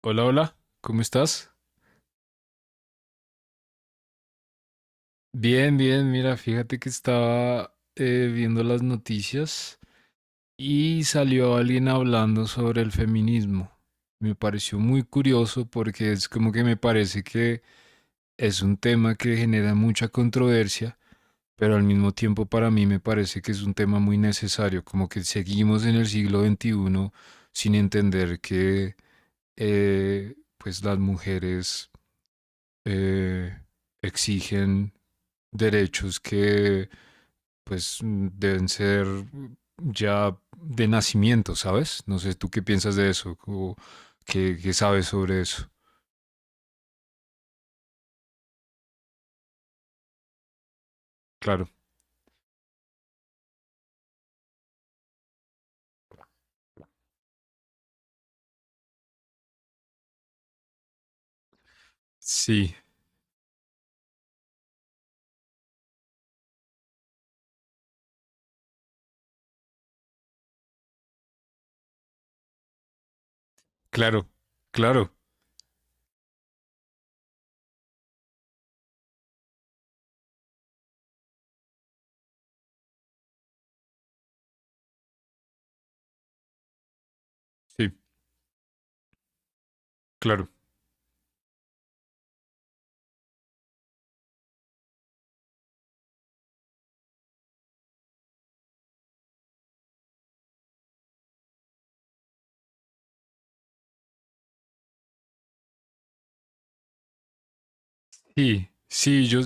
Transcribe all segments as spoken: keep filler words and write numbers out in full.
Hola, hola, ¿cómo estás? Bien, bien, mira, fíjate que estaba eh, viendo las noticias y salió alguien hablando sobre el feminismo. Me pareció muy curioso porque es como que me parece que es un tema que genera mucha controversia, pero al mismo tiempo para mí me parece que es un tema muy necesario, como que seguimos en el siglo veintiuno sin entender que eh, pues las mujeres eh, exigen derechos que pues mm, deben ser ya de nacimiento, ¿sabes? No sé, ¿tú qué piensas de eso? ¿O qué, qué sabes sobre eso? Claro, sí, claro, claro, sí, claro. Sí, sí, yo,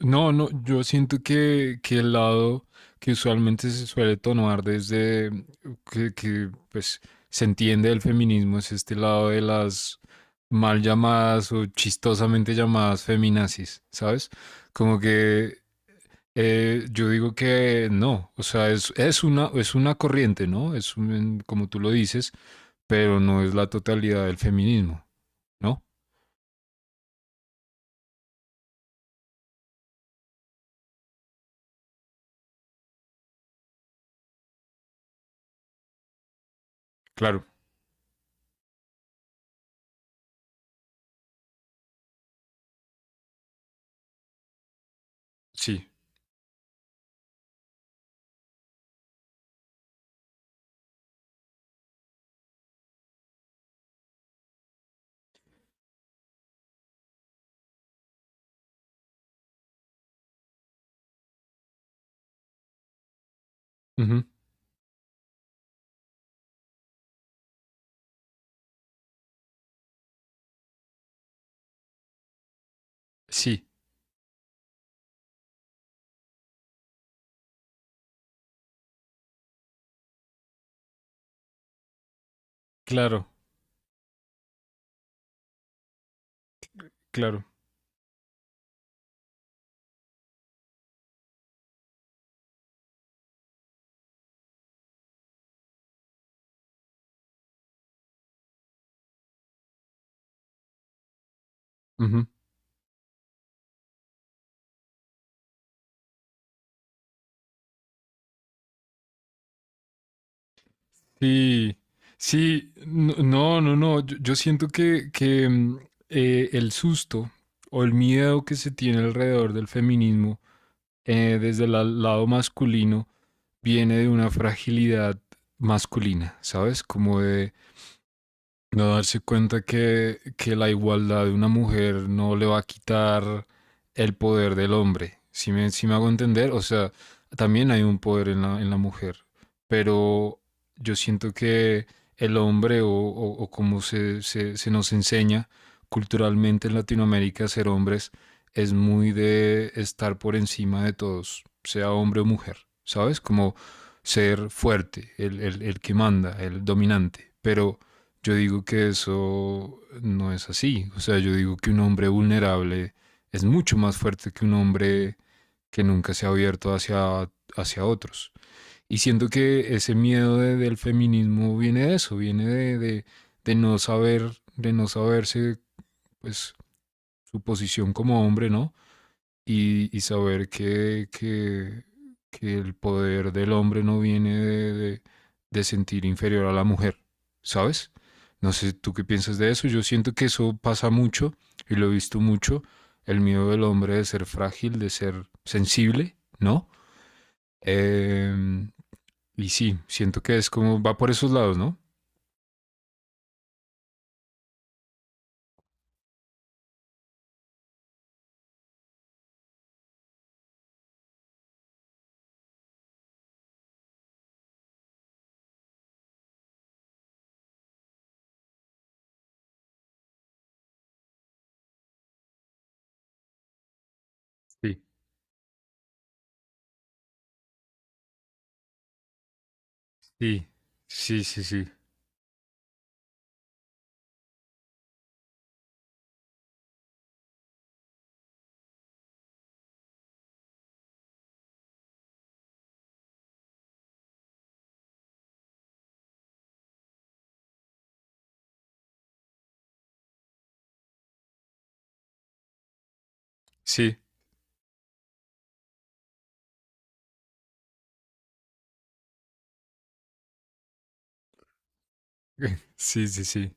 no, no, yo siento que, que el lado que usualmente se suele tomar desde mm, que, que, pues se entiende del feminismo es este lado de las mal llamadas o chistosamente llamadas feminazis, ¿sabes? Como que eh, yo digo que no, o sea, es, es una, es una corriente, ¿no? Es un- como tú lo dices, pero no es la totalidad del feminismo, ¿no? Claro, sí. Ujú. Sí, claro, claro. Sí, sí, no, no, no, no. Yo, yo siento que, que, mm, eh, el susto o el miedo que se tiene alrededor del feminismo eh, desde el la- lado masculino viene de una fragilidad masculina, ¿sabes? Como de, no darse cuenta que, que la igualdad de una mujer no le va a quitar el poder del hombre. Si me, si me hago entender, o sea, también hay un poder en la, en la mujer, pero yo siento que el hombre o, o- o como se, se, se nos enseña culturalmente en Latinoamérica ser hombres es muy de estar por encima de todos, sea hombre o mujer, ¿sabes? Como ser fuerte, el, el el que manda, el dominante, pero yo digo que eso no es así. O sea, yo digo que un hombre vulnerable es mucho más fuerte que un hombre que nunca se ha abierto hacia, hacia otros. Y siento que ese miedo de- del feminismo viene de eso, viene de, de, de no saber, de no saberse pues su posición como hombre, ¿no? y, y saber que, que, que el poder del hombre no viene de, de, de sentir inferior a la mujer, ¿sabes? No sé tú qué piensas de eso. Yo siento que eso pasa mucho y lo he visto mucho. El miedo del hombre de ser frágil, de ser sensible, ¿no? Eh, y sí, siento que es como va por esos lados, ¿no? Sí, sí, sí, sí, sí. Sí, sí, sí, sí.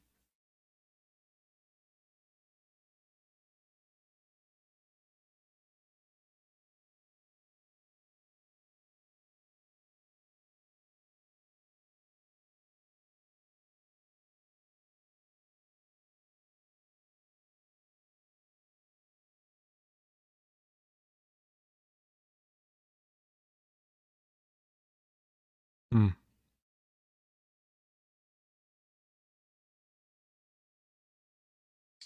Mm,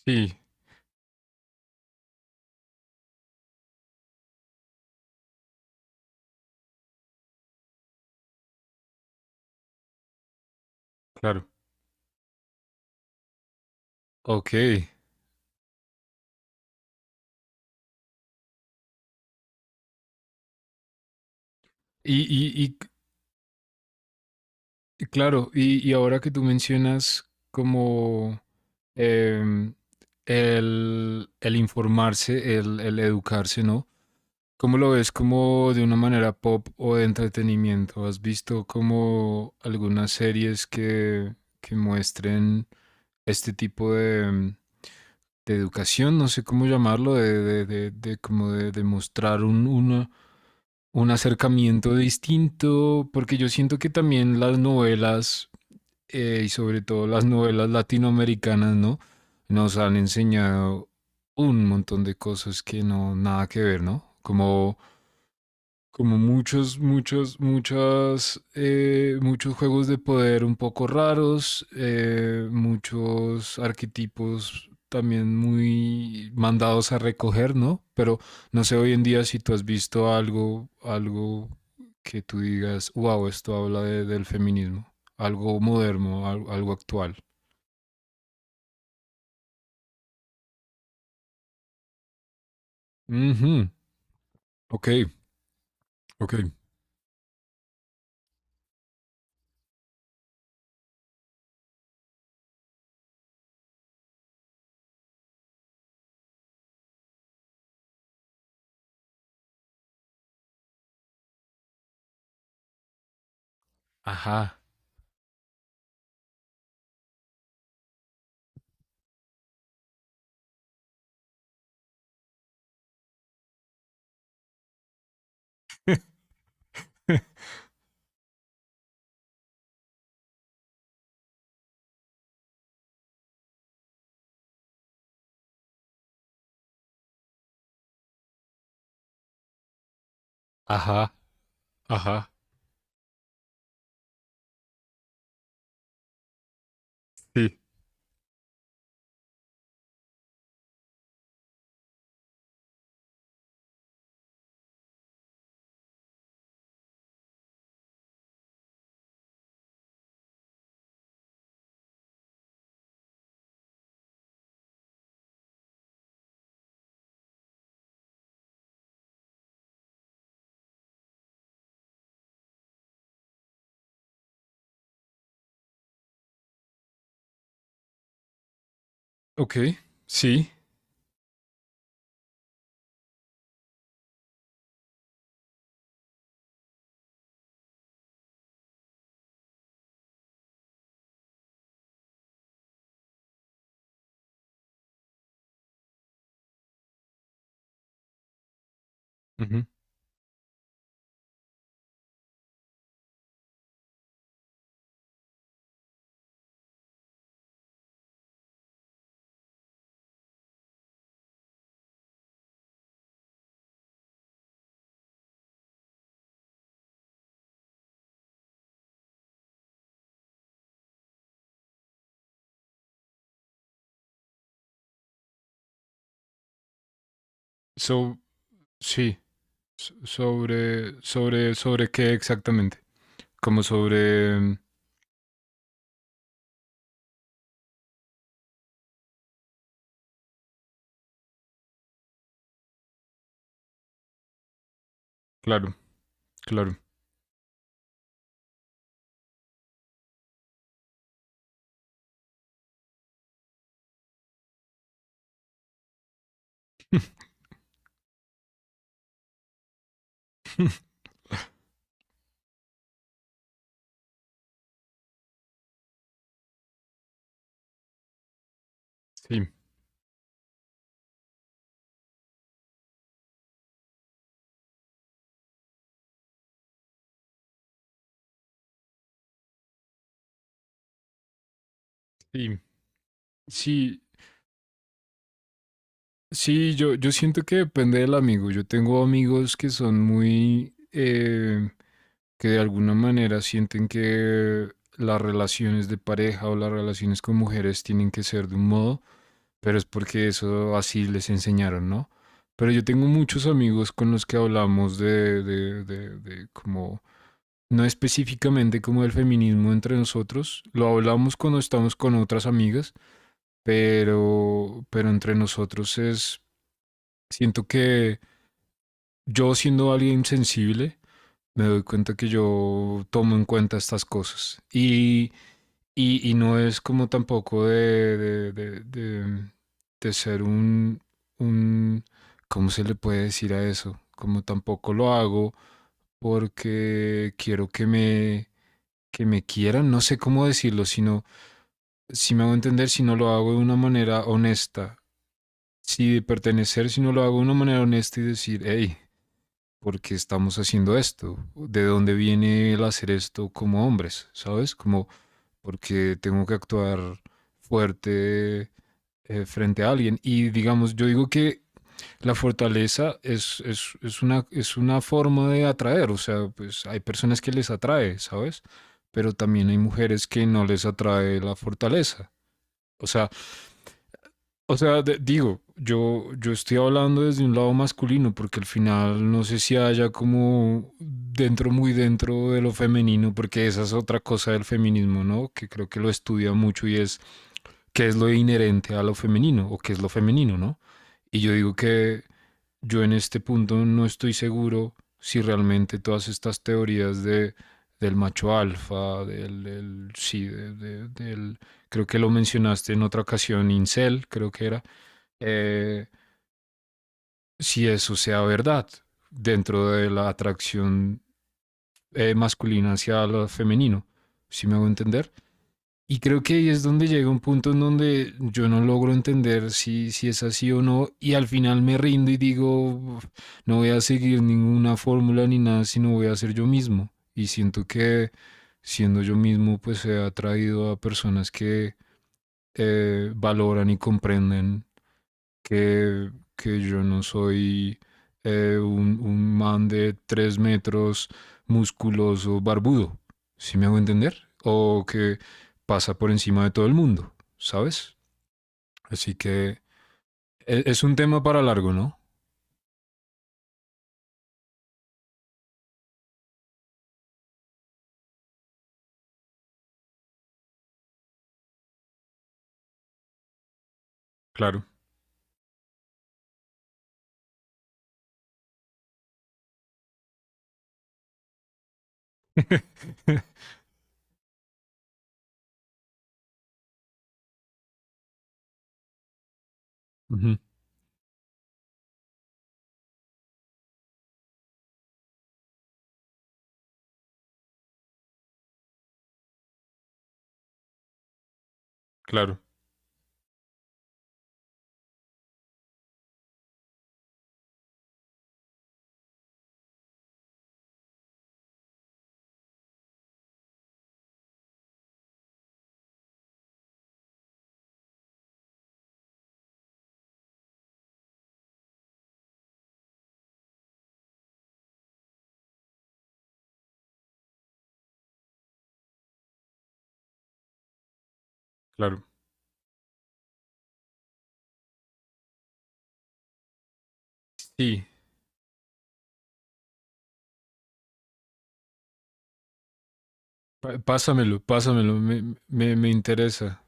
sí, claro. Ok. ¿Y, y, y Claro, y, y ahora que tú mencionas como em, el, el informarse, el, el educarse, ¿no? ¿Cómo lo ves como de una manera pop o de entretenimiento? ¿Has visto como algunas series que, que muestren este tipo de, em, de educación? No sé cómo llamarlo, de, de, de, de como de, de mostrar un, una- un acercamiento distinto, porque yo siento que también las novelas eh, y sobre todo las novelas latinoamericanas, ¿no? Nos han enseñado un montón de cosas que no, nada que ver, ¿no? Como como muchos, muchos, muchas, eh, muchos juegos de poder un poco raros, eh, muchos arquetipos también muy mandados a recoger, ¿no? Pero no sé hoy en día si tú has visto algo, algo que tú digas, wow, esto habla de- del feminismo, algo moderno, al- algo actual. Ujú. Ok, ok. Ajá, ajá, ajá. Sí. Ok, sí. Ujú. So, sí. S- Sobre, sobre, sobre qué exactamente. Como sobre, claro, claro. Sí, sí. Sí, sí, yo, yo siento que depende del amigo. Yo tengo amigos que son muy, eh, que de alguna manera sienten que las relaciones de pareja o las relaciones con mujeres tienen que ser de un modo, pero es porque eso así les enseñaron, ¿no? Pero yo tengo muchos amigos con los que hablamos de, de, de, de como no específicamente como el feminismo entre nosotros, lo hablamos cuando estamos con otras amigas, pero, pero entre nosotros es, siento que yo siendo alguien sensible, me doy cuenta que yo tomo en cuenta estas cosas y, y, y no es como tampoco de, de, de, de, de ser un, un, ¿cómo se le puede decir a eso? Como tampoco lo hago porque quiero que me que me quieran, no sé cómo decirlo, sino si me hago entender, si no lo hago de una manera honesta, si de pertenecer, si no lo hago de una manera honesta y decir, hey, ¿por qué estamos haciendo esto? ¿De dónde viene el hacer esto como hombres? ¿Sabes? Como porque tengo que actuar fuerte eh, frente a alguien. Y digamos, yo digo que la fortaleza es, es, es una, es una forma de atraer, o sea, pues hay personas que les atrae, ¿sabes? Pero también hay mujeres que no les atrae la fortaleza. O sea, o sea, de- digo, yo, yo estoy hablando desde un lado masculino, porque al final no sé si haya como dentro, muy dentro de lo femenino, porque esa es otra cosa del feminismo, ¿no? Que creo que lo estudia mucho y es qué es lo inherente a lo femenino o qué es lo femenino, ¿no? Y yo digo que yo en este punto no estoy seguro si realmente todas estas teorías de, del macho alfa, del, del- sí, de- de- del, creo que lo mencionaste en otra ocasión, incel, creo que era, eh, si eso sea verdad dentro de la atracción eh, masculina hacia lo femenino, ¿si me hago entender? Y creo que ahí es donde llega un punto en donde yo no logro entender si, si es así o no, y al final me rindo y digo, no voy a seguir ninguna fórmula ni nada, sino voy a ser yo mismo. Y siento que siendo yo mismo, pues he atraído a personas que eh, valoran y comprenden que, que yo no soy eh, un, un man de tres metros, musculoso, barbudo, ¿sí me hago entender? O que pasa por encima de todo el mundo, ¿sabes? Así que e- es un tema para largo, ¿no? Claro. Ujú. Claro, claro. Sí, pa- pásamelo, pásamelo, me, me- me interesa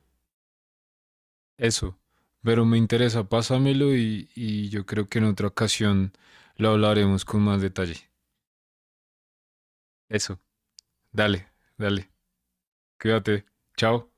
eso, pero me interesa, pásamelo y, y yo creo que en otra ocasión lo hablaremos con más detalle. Eso. Dale, dale. Cuídate. Chao.